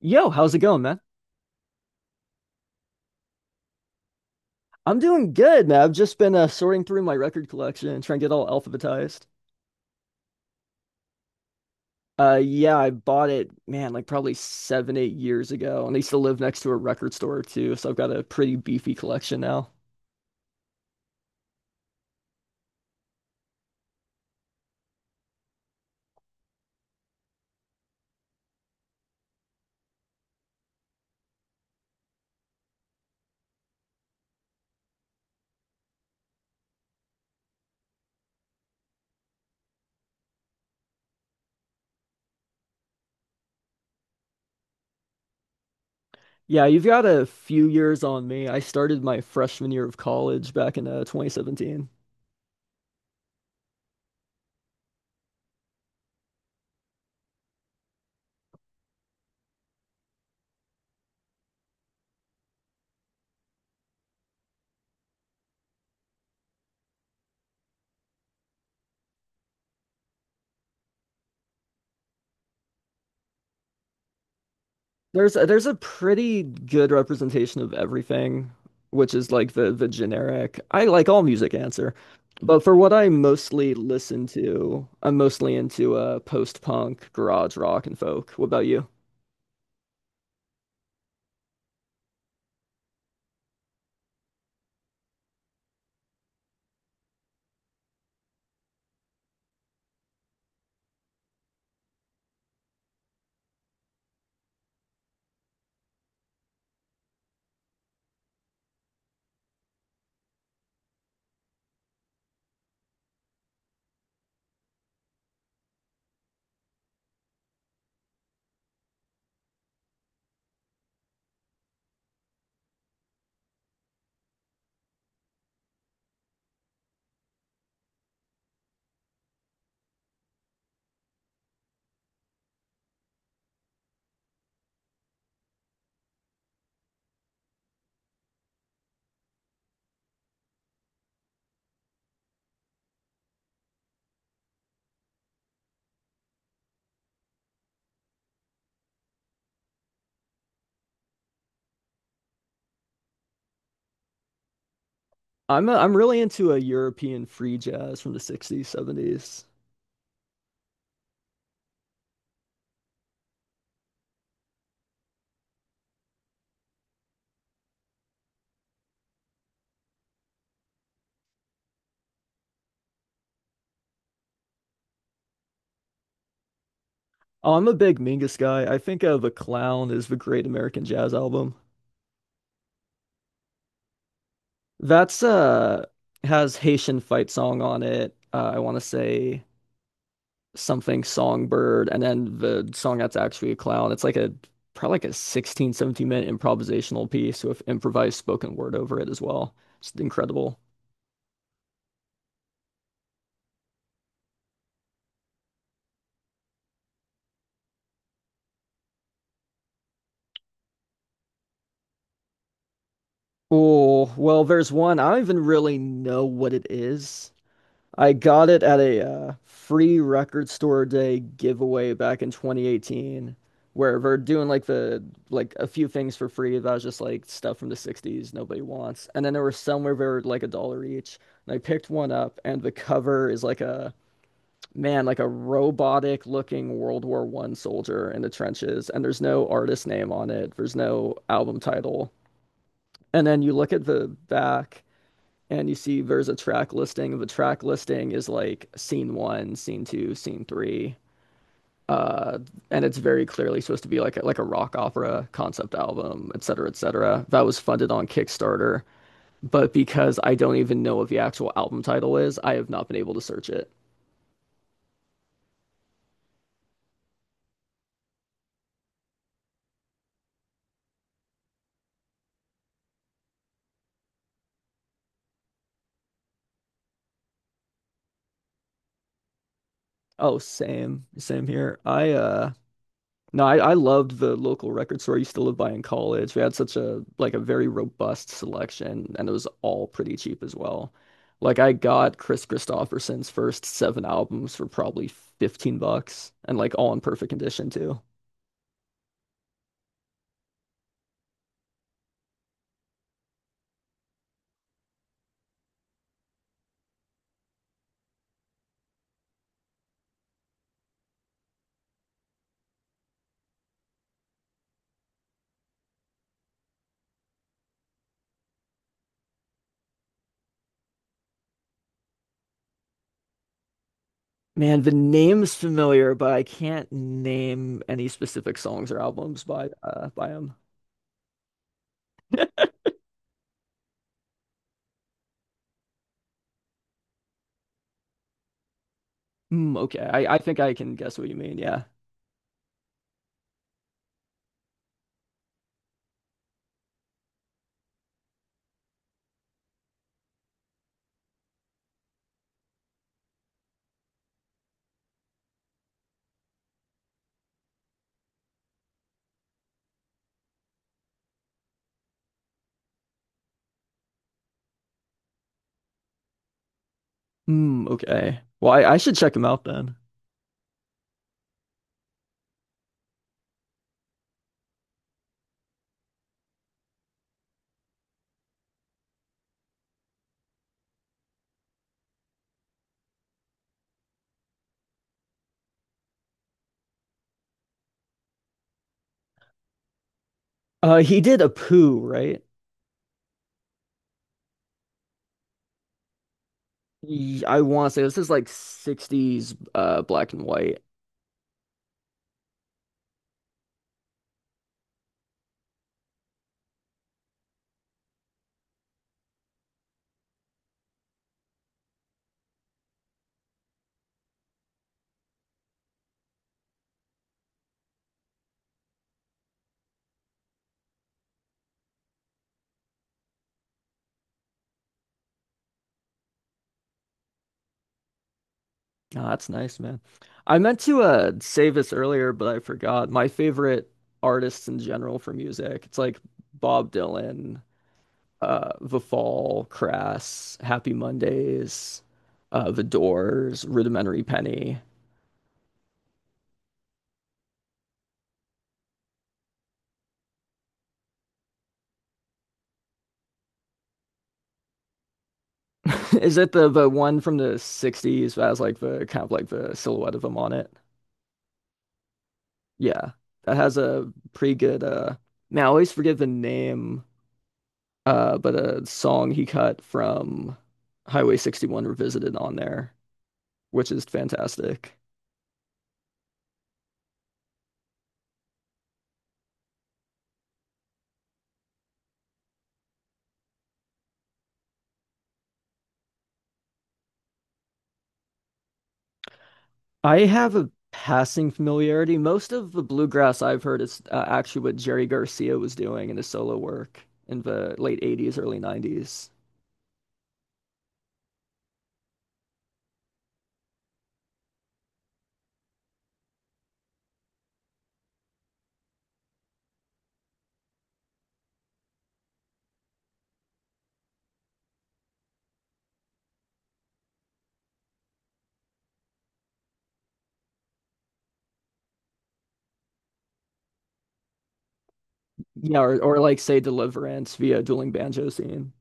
Yo, how's it going, man? I'm doing good, man. I've just been sorting through my record collection and trying to get all alphabetized. Yeah, I bought it, man, like probably seven, 8 years ago, and I used to live next to a record store too, so I've got a pretty beefy collection now. Yeah, you've got a few years on me. I started my freshman year of college back in 2017. There's a pretty good representation of everything, which is like the generic. I like all music answer, but for what I mostly listen to, I'm mostly into post-punk, garage rock, and folk. What about you? I'm really into a European free jazz from the 60s, 70s. Oh, I'm a big Mingus guy. I think The Clown is the Great American Jazz Album. That's has Haitian fight song on it. I want to say something songbird, and then the song that's actually a clown, it's like a probably like a 16, 17-minute improvisational piece with improvised spoken word over it as well. It's incredible. Oh well, there's one I don't even really know what it is. I got it at a free record store day giveaway back in 2018, where we're doing like the like a few things for free that was just like stuff from the 60s nobody wants, and then there were some where they were like a dollar each, and I picked one up, and the cover is like a man like a robotic looking World War One soldier in the trenches, and there's no artist name on it, there's no album title, and then you look at the back and you see there's a track listing. The track listing is like scene one, scene two, scene three. Uh, and it's very clearly supposed to be like a rock opera concept album, et cetera, et cetera. That was funded on Kickstarter, but because I don't even know what the actual album title is, I have not been able to search it. Oh, same, same here. I no, I loved the local record store I used to live by in college. We had such a like a very robust selection and it was all pretty cheap as well. Like I got Chris Christopherson's first seven albums for probably 15 bucks and like all in perfect condition too. Man, the name's familiar, but I can't name any specific songs or albums by by him. Hmm, okay. I think I can guess what you mean, yeah. Hmm, okay. Well, I should check him out then. Uh, he did a poo, right? I want to say this is like 60s black and white. Oh, that's nice, man. I meant to say this earlier, but I forgot. My favorite artists in general for music. It's like Bob Dylan, The Fall, Crass, Happy Mondays, The Doors, Rudimentary Penny. Is it the one from the 60s that has like the kind of like the silhouette of him on it? Yeah. That has a pretty good man, I always forget the name but a song he cut from Highway 61 Revisited on there, which is fantastic. I have a passing familiarity. Most of the bluegrass I've heard is actually what Jerry Garcia was doing in his solo work in the late 80s, early 90s. Yeah, or like say Deliverance via Dueling Banjo Scene.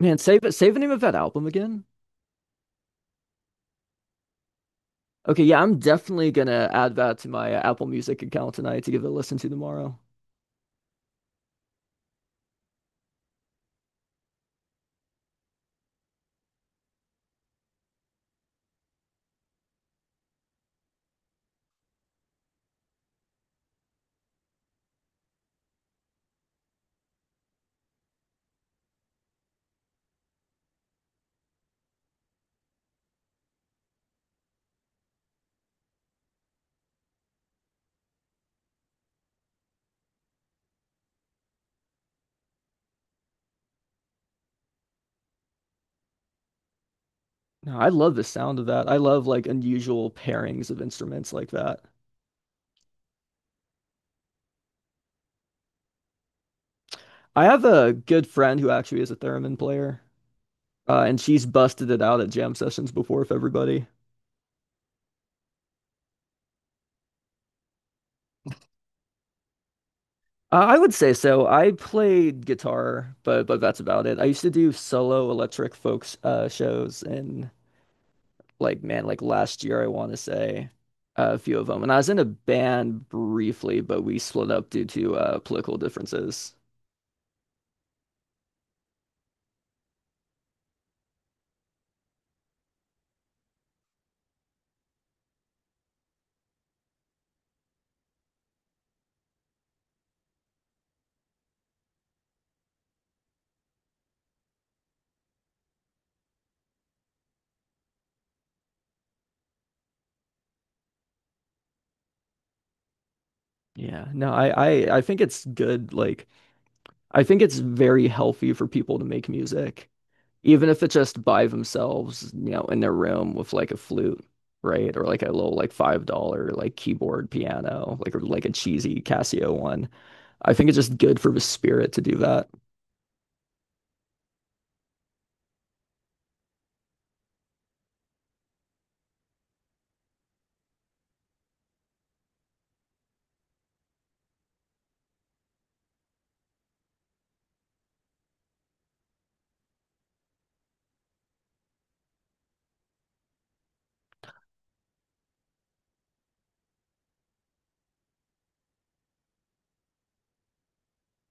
Man, save it, save the name of that album again. Okay, yeah, I'm definitely gonna add that to my Apple Music account tonight to give it a listen to tomorrow. No, I love the sound of that. I love like unusual pairings of instruments like that. I have a good friend who actually is a theremin player, and she's busted it out at jam sessions before with everybody. I would say so. I played guitar, but that's about it. I used to do solo electric folk shows, and like man, like last year I want to say a few of them. And I was in a band briefly, but we split up due to political differences. Yeah, no, I, I think it's good like. I think it's very healthy for people to make music, even if it's just by themselves, you know, in their room with like a flute, right? Or like a little like $5 like keyboard piano, like or like a cheesy Casio one. I think it's just good for the spirit to do that.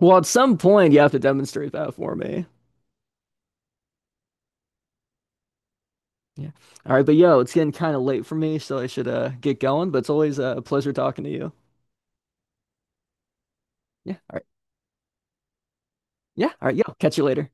Well, at some point you have to demonstrate that for me. Yeah. All right, but yo, it's getting kind of late for me, so I should get going, but it's always a pleasure talking to you. Yeah. All right. Yeah. All right, yo. Catch you later.